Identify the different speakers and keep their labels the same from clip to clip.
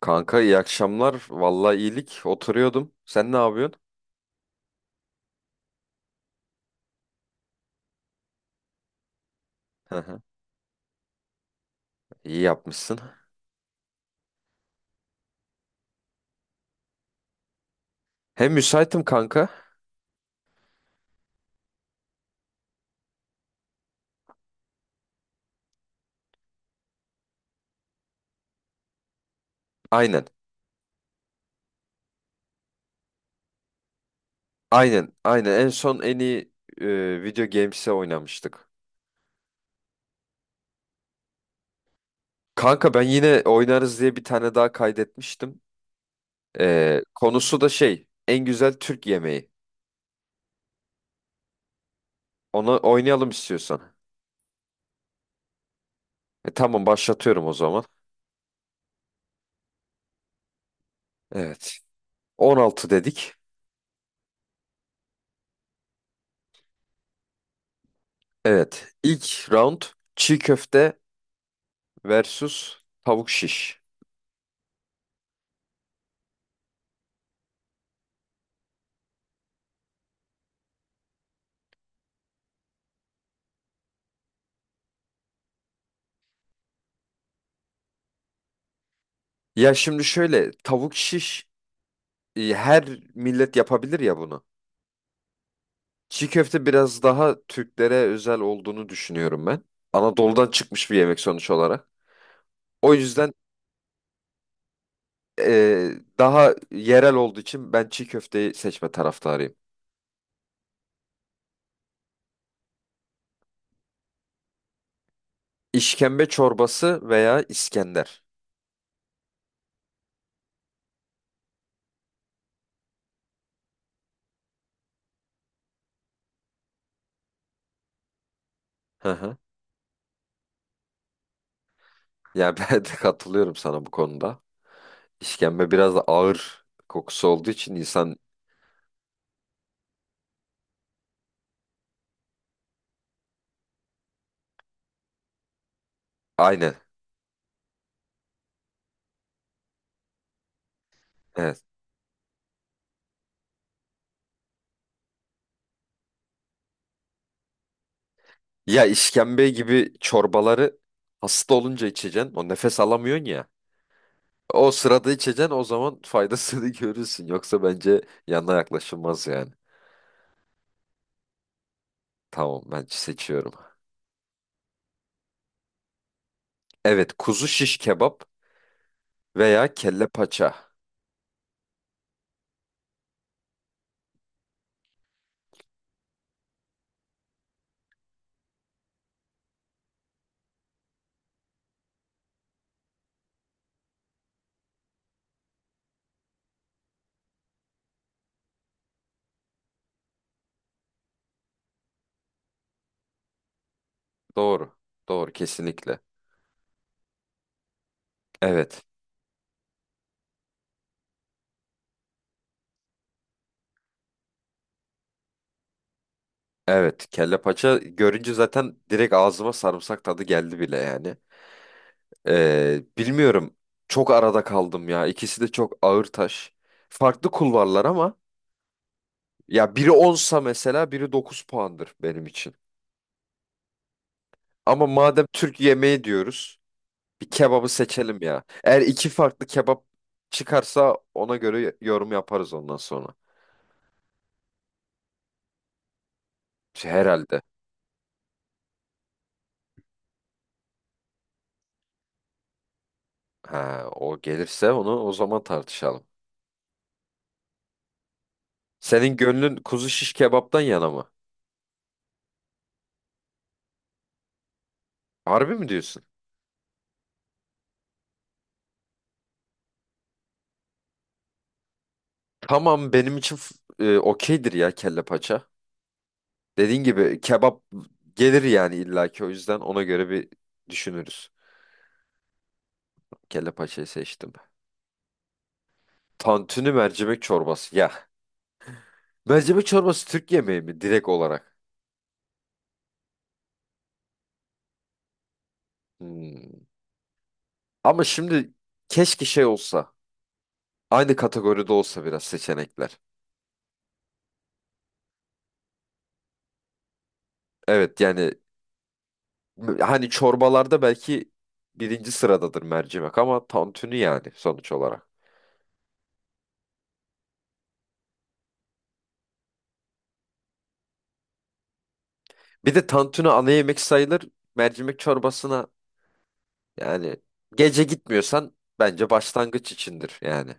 Speaker 1: Kanka, iyi akşamlar. Vallahi iyilik. Oturuyordum. Sen ne yapıyorsun? Hı hı. İyi yapmışsın. Hem müsaitim kanka. Aynen. Aynen. Aynen. En son en iyi video games'e oynamıştık. Kanka ben yine oynarız diye bir tane daha kaydetmiştim. Konusu da şey. En güzel Türk yemeği. Onu oynayalım istiyorsan. Tamam, başlatıyorum o zaman. Evet. 16 dedik. Evet. İlk round çiğ köfte versus tavuk şiş. Ya şimdi şöyle, tavuk şiş her millet yapabilir ya bunu. Çiğ köfte biraz daha Türklere özel olduğunu düşünüyorum ben. Anadolu'dan çıkmış bir yemek sonuç olarak. O yüzden e, daha yerel olduğu için ben çiğ köfteyi seçme taraftarıyım. İşkembe çorbası veya İskender. Hı hı. Yani ben de katılıyorum sana bu konuda. İşkembe biraz da ağır kokusu olduğu için insan aynı. Ya işkembe gibi çorbaları hasta olunca içeceksin. O nefes alamıyorsun ya. O sırada içeceksin, o zaman faydasını görürsün. Yoksa bence yanına yaklaşılmaz yani. Tamam, ben seçiyorum. Evet, kuzu şiş kebap veya kelle paça. Doğru. Doğru, kesinlikle. Evet. Evet, kelle paça görünce zaten direkt ağzıma sarımsak tadı geldi bile yani. Bilmiyorum. Çok arada kaldım ya. İkisi de çok ağır taş. Farklı kulvarlar ama ya biri onsa mesela biri 9 puandır benim için. Ama madem Türk yemeği diyoruz, bir kebabı seçelim ya. Eğer iki farklı kebap çıkarsa ona göre yorum yaparız ondan sonra. Şey, herhalde. Ha, o gelirse onu o zaman tartışalım. Senin gönlün kuzu şiş kebaptan yana mı? Harbi mi diyorsun? Tamam, benim için okeydir ya, kelle paça. Dediğin gibi kebap gelir yani illaki, o yüzden ona göre bir düşünürüz. Kelle paçayı seçtim. Tantuni, mercimek çorbası. Ya mercimek çorbası Türk yemeği mi direkt olarak? Hmm. Ama şimdi keşke şey olsa. Aynı kategoride olsa biraz seçenekler. Evet yani, hani çorbalarda belki birinci sıradadır mercimek ama tantuni yani sonuç olarak. Bir de tantuni ana yemek sayılır. Mercimek çorbasına yani gece gitmiyorsan bence başlangıç içindir yani.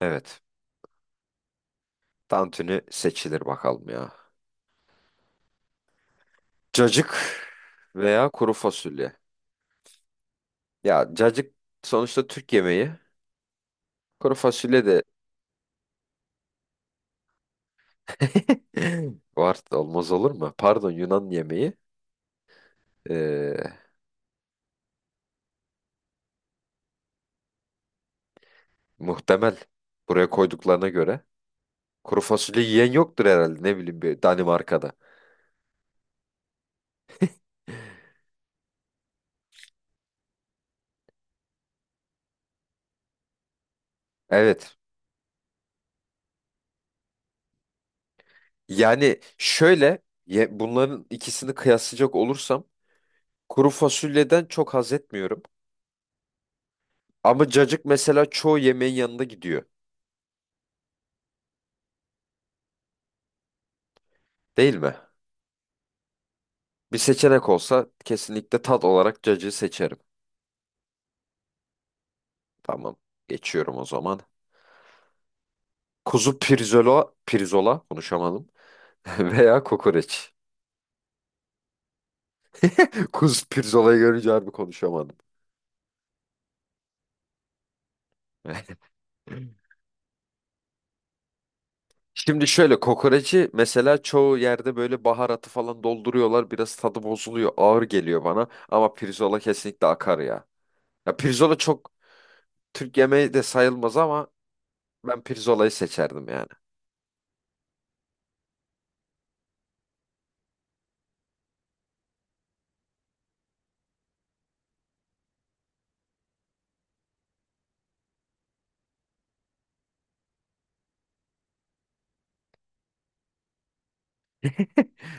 Speaker 1: Evet. Tantuni seçilir bakalım ya. Cacık veya kuru fasulye. Ya cacık sonuçta Türk yemeği. Kuru fasulye de var, olmaz olur mu? Pardon, Yunan yemeği. Ee, Muhtemel, buraya koyduklarına göre. Kuru fasulye yiyen yoktur herhalde, ne bileyim, bir Danimarka'da. Evet. Yani şöyle, bunların ikisini kıyaslayacak olursam kuru fasulyeden çok haz etmiyorum. Ama cacık mesela çoğu yemeğin yanında gidiyor. Değil mi? Bir seçenek olsa kesinlikle tat olarak cacığı seçerim. Tamam. Geçiyorum o zaman. Kuzu pirzola, pirzola konuşamadım. Veya kokoreç. Kuzu pirzolayı görünce harbi konuşamadım. Şimdi şöyle, kokoreci mesela çoğu yerde böyle baharatı falan dolduruyorlar. Biraz tadı bozuluyor. Ağır geliyor bana. Ama pirzola kesinlikle akar ya. Ya pirzola çok Türk yemeği de sayılmaz ama ben pirzolayı seçerdim yani.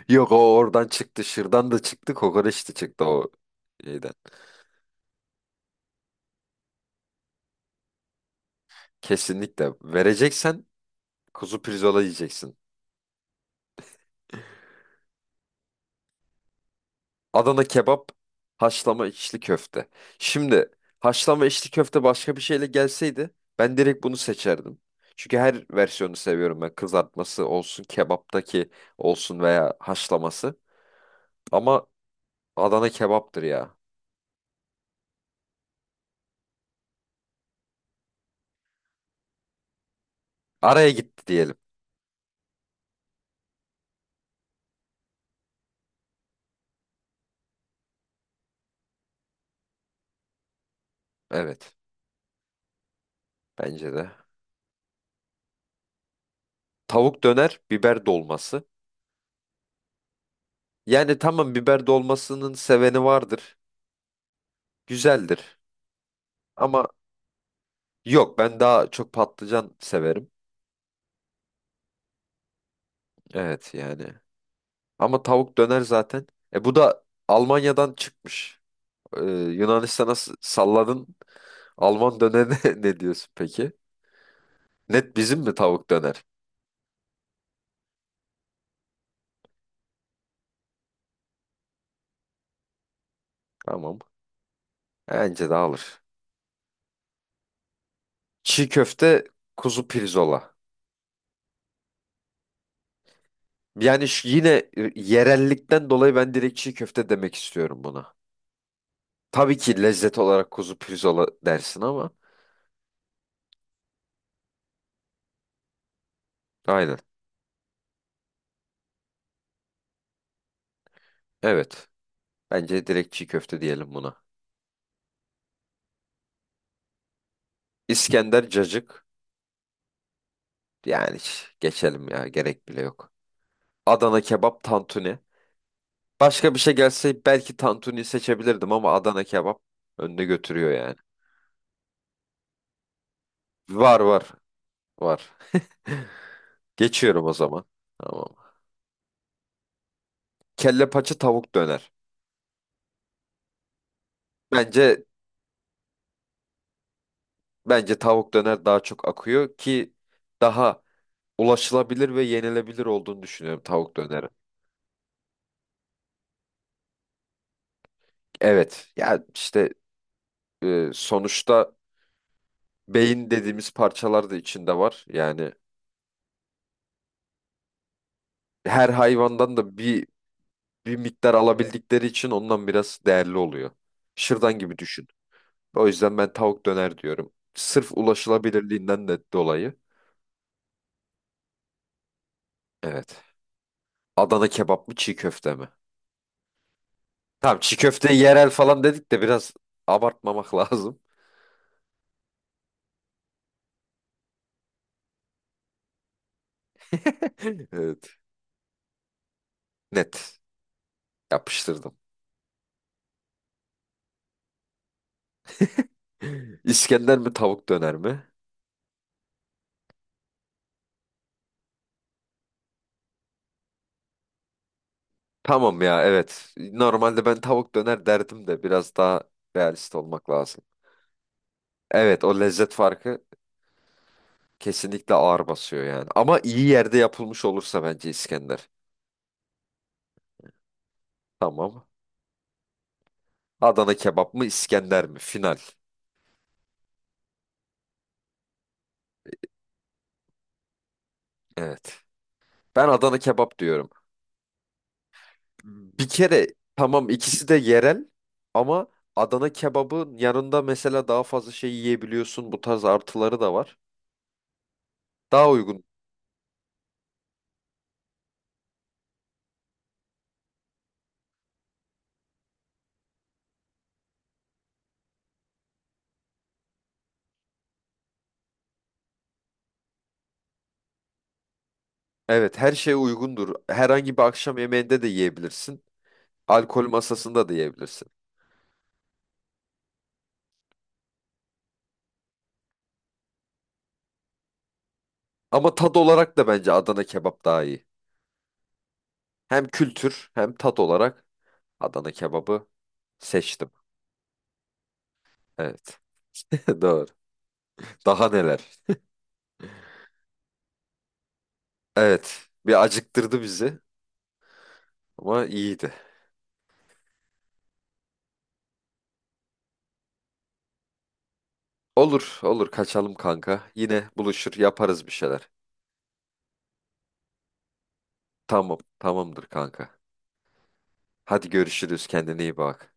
Speaker 1: Yok, o oradan çıktı. Şırdan da çıktı. Kokoreç de çıktı o şeyden. Kesinlikle. Vereceksen kuzu pirzola yiyeceksin. Adana kebap, haşlama içli köfte. Şimdi haşlama içli köfte başka bir şeyle gelseydi ben direkt bunu seçerdim. Çünkü her versiyonu seviyorum ben. Kızartması olsun, kebaptaki olsun veya haşlaması. Ama Adana kebaptır ya. Araya gitti diyelim. Evet, bence de. Tavuk döner, biber dolması. Yani tamam, biber dolmasının seveni vardır. Güzeldir. Ama yok, ben daha çok patlıcan severim. Evet yani. Ama tavuk döner zaten. E bu da Almanya'dan çıkmış. Ee, Yunanistan'a salladın. Alman dönerine ne diyorsun peki? Net bizim mi tavuk döner? Tamam. Bence de alır. Çiğ köfte, kuzu pirzola. Yani şu yine yerellikten dolayı ben direkt çiğ köfte demek istiyorum buna. Tabii ki lezzet olarak kuzu pirzola dersin ama. Aynen. Evet. Bence direkt çiğ köfte diyelim buna. İskender, cacık. Yani geçelim ya, gerek bile yok. Adana kebap, tantuni. Başka bir şey gelse belki tantuni seçebilirdim ama Adana kebap önde götürüyor yani. Var, var, var. Geçiyorum o zaman. Tamam. Kelle paça, tavuk döner. Bence bence tavuk döner daha çok akıyor ki daha ulaşılabilir ve yenilebilir olduğunu düşünüyorum tavuk döneri. Evet. Ya işte, sonuçta beyin dediğimiz parçalar da içinde var. Yani her hayvandan da bir miktar alabildikleri için ondan biraz değerli oluyor. Şırdan gibi düşün. O yüzden ben tavuk döner diyorum. Sırf ulaşılabilirliğinden de dolayı. Evet. Adana kebap mı, çiğ köfte mi? Tamam, çiğ köfte yerel falan dedik de biraz abartmamak lazım. Evet. Net. Yapıştırdım. İskender mi, tavuk döner mi? Tamam ya, evet. Normalde ben tavuk döner derdim de biraz daha realist olmak lazım. Evet, o lezzet farkı kesinlikle ağır basıyor yani. Ama iyi yerde yapılmış olursa bence İskender. Tamam. Adana kebap mı, İskender mi? Final. Evet. Ben Adana kebap diyorum. Bir kere tamam, ikisi de yerel ama Adana kebabın yanında mesela daha fazla şey yiyebiliyorsun. Bu tarz artıları da var. Daha uygun. Evet, her şey uygundur. Herhangi bir akşam yemeğinde de yiyebilirsin. Alkol masasında da yiyebilirsin. Ama tat olarak da bence Adana kebap daha iyi. Hem kültür hem tat olarak Adana kebabı seçtim. Evet. Doğru. Daha neler? Evet. Bir acıktırdı bizi ama iyiydi. Olur, olur. Kaçalım kanka. Yine buluşur, yaparız bir şeyler. Tamam, tamamdır kanka. Hadi görüşürüz. Kendine iyi bak.